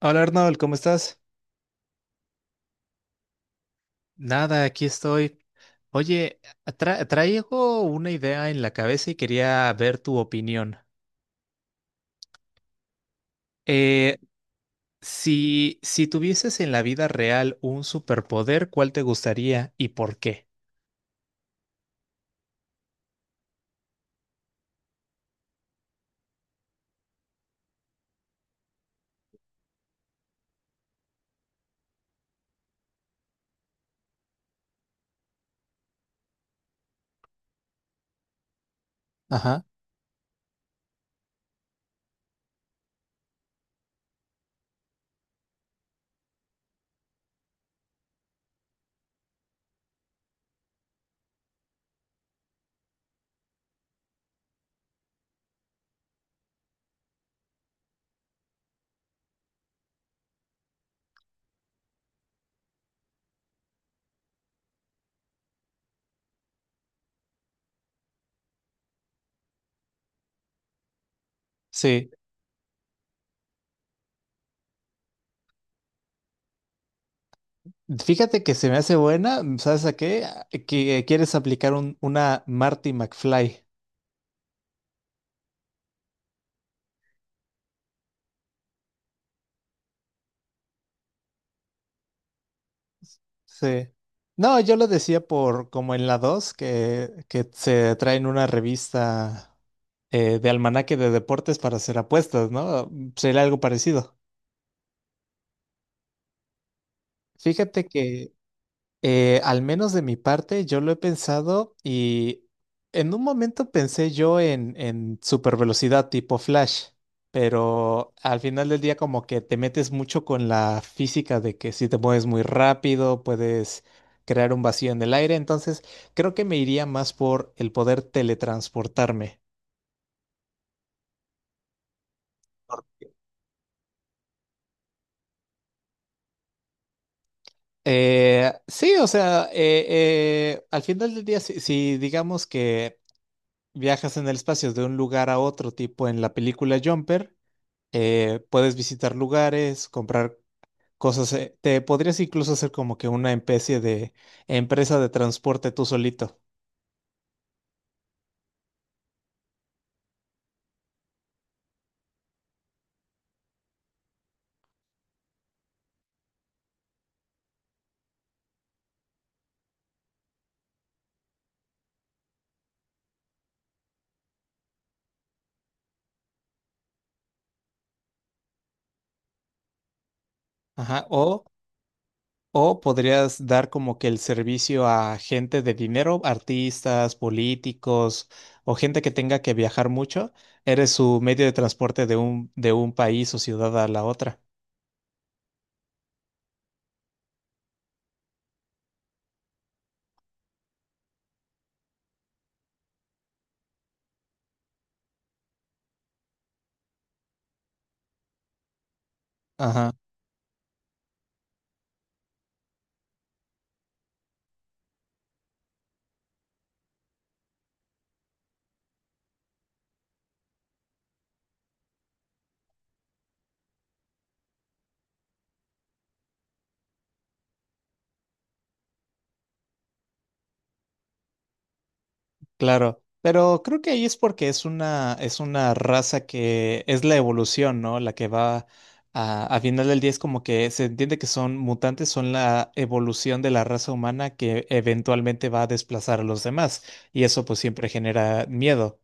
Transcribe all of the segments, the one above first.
Hola Arnold, ¿cómo estás? Nada, aquí estoy. Oye, traigo una idea en la cabeza y quería ver tu opinión. Eh, si tuvieses en la vida real un superpoder, ¿cuál te gustaría y por qué? Ajá, sí. Fíjate que se me hace buena, ¿sabes a qué? Que quieres aplicar una Marty McFly. Sí. No, yo lo decía por como en la 2 que se traen una revista de almanaque de deportes para hacer apuestas, ¿no? Sería algo parecido. Fíjate que al menos de mi parte, yo lo he pensado y en un momento pensé yo en super velocidad tipo Flash, pero al final del día como que te metes mucho con la física de que si te mueves muy rápido puedes crear un vacío en el aire, entonces creo que me iría más por el poder teletransportarme. Sí, o sea, al final del día, si digamos que viajas en el espacio de un lugar a otro tipo en la película Jumper, puedes visitar lugares, comprar cosas. Te podrías incluso hacer como que una especie de empresa de transporte tú solito. Ajá. O podrías dar como que el servicio a gente de dinero, artistas, políticos o gente que tenga que viajar mucho. Eres su medio de transporte de un país o ciudad a la otra. Ajá. Claro, pero creo que ahí es porque es una raza que es la evolución, ¿no? La que va a final del día es como que se entiende que son mutantes, son la evolución de la raza humana que eventualmente va a desplazar a los demás. Y eso pues siempre genera miedo.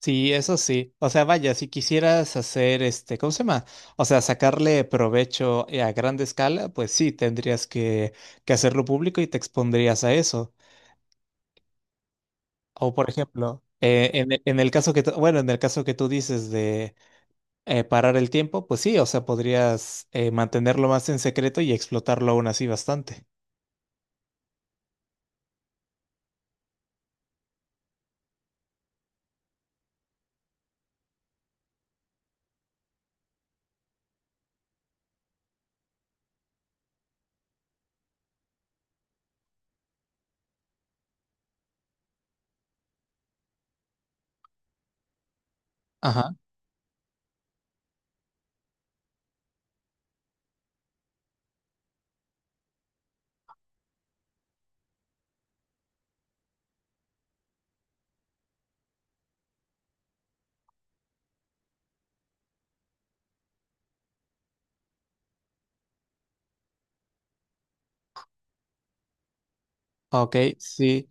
Sí, eso sí. O sea, vaya, si quisieras hacer este, ¿cómo se llama? O sea, sacarle provecho a grande escala, pues sí, que hacerlo público y te expondrías a eso. O por ejemplo, en el caso que, bueno, en el caso que tú dices de parar el tiempo, pues sí, o sea, podrías mantenerlo más en secreto y explotarlo aún así bastante. Ajá, ok, sí.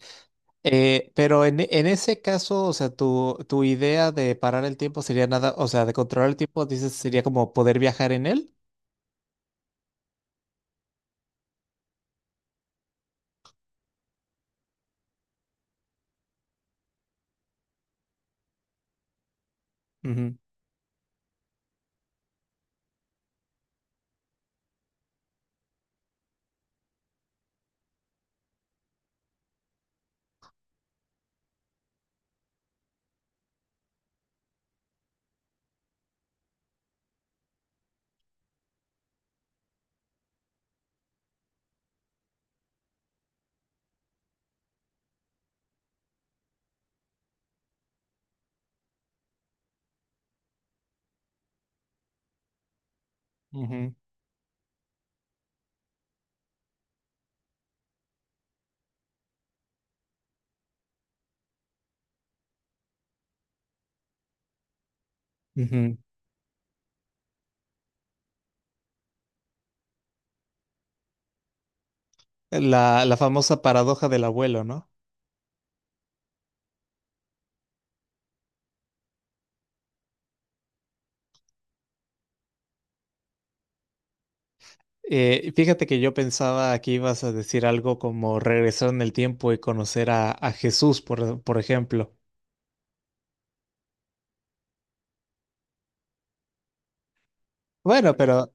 Pero en ese caso, o sea, tu idea de parar el tiempo sería nada, o sea, de controlar el tiempo, dices, sería como poder viajar en él. Ujú, ujú, ujú. La famosa paradoja del abuelo, no. Fíjate que yo pensaba que ibas a decir algo como regresar en el tiempo y conocer a Jesús, por ejemplo. Bueno, pero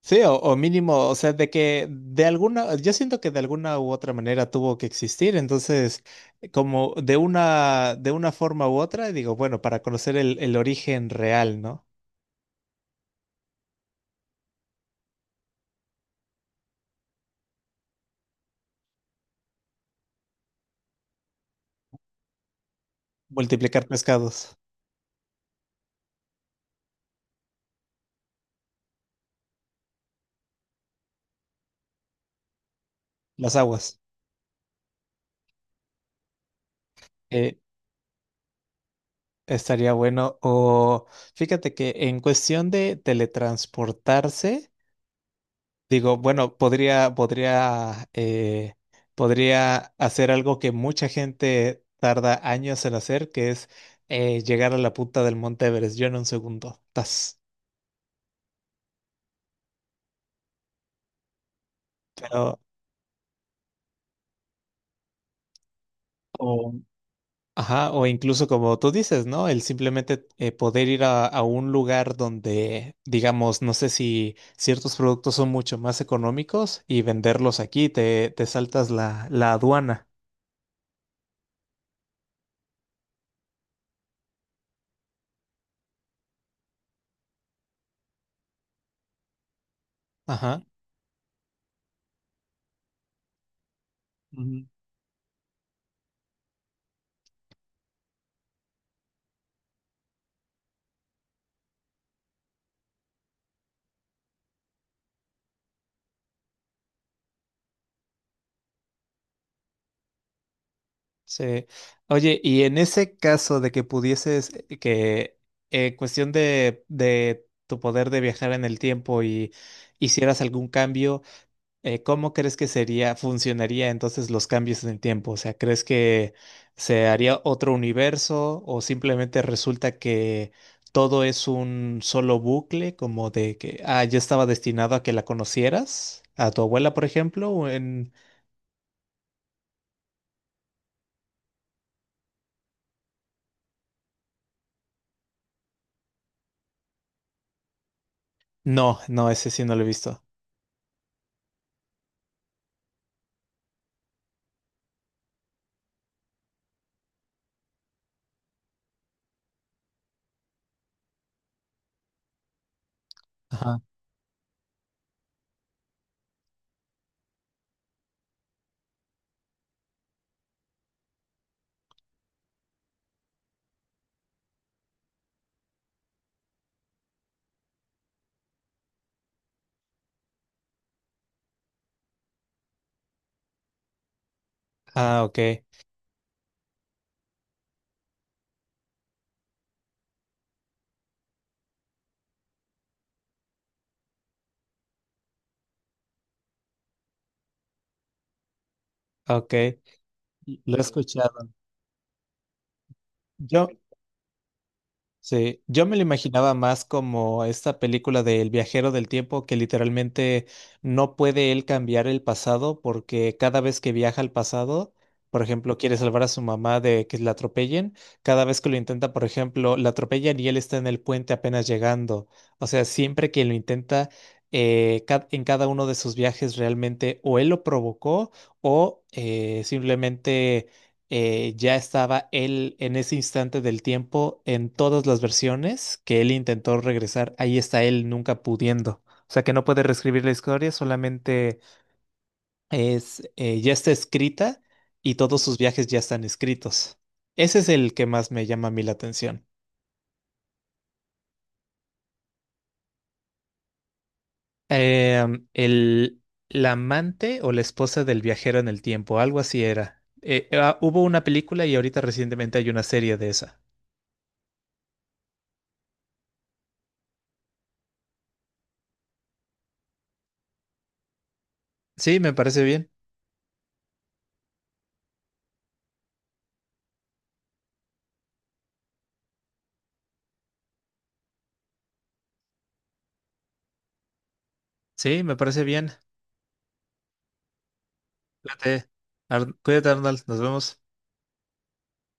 sí, o mínimo, o sea, de que de alguna, yo siento que de alguna u otra manera tuvo que existir, entonces, como de una forma u otra, digo, bueno, para conocer el origen real, ¿no? Multiplicar pescados, las aguas. Eh, estaría bueno. O fíjate que en cuestión de teletransportarse. Digo, bueno, podría hacer algo que mucha gente tarda años en hacer, que es llegar a la punta del Monte Everest. Yo en un segundo. Tas. Pero, o, ajá, o incluso como tú dices, ¿no? El simplemente poder ir a un lugar donde, digamos, no sé si ciertos productos son mucho más económicos y venderlos aquí, te saltas la aduana. Ajá. Sí. Oye, y en ese caso de que pudieses, que en cuestión de tu poder de viajar en el tiempo y hicieras algún cambio, ¿cómo crees que sería, funcionaría entonces los cambios en el tiempo? O sea, ¿crees que se haría otro universo o simplemente resulta que todo es un solo bucle, como de que, ah, yo estaba destinado a que la conocieras, a tu abuela, por ejemplo, o en... No, no, ese sí no lo he visto. Ajá. Ah, ok. Ok, lo he escuchado. Yo, sí, yo me lo imaginaba más como esta película de El viajero del tiempo que literalmente no puede él cambiar el pasado porque cada vez que viaja al pasado, por ejemplo, quiere salvar a su mamá de que la atropellen, cada vez que lo intenta, por ejemplo, la atropellan y él está en el puente apenas llegando. O sea, siempre que lo intenta, en cada uno de sus viajes realmente o él lo provocó o simplemente ya estaba él en ese instante del tiempo en todas las versiones que él intentó regresar. Ahí está él nunca pudiendo. O sea que no puede reescribir la historia, solamente ya está escrita y todos sus viajes ya están escritos. Ese es el que más me llama a mí la atención. Em, el, la amante o la esposa del viajero en el tiempo, algo así era. Hubo una película y ahorita recientemente hay una serie de esa. Sí, me parece bien. Sí, me parece bien. Cuídate, cuídate, Arnold. Nos vemos.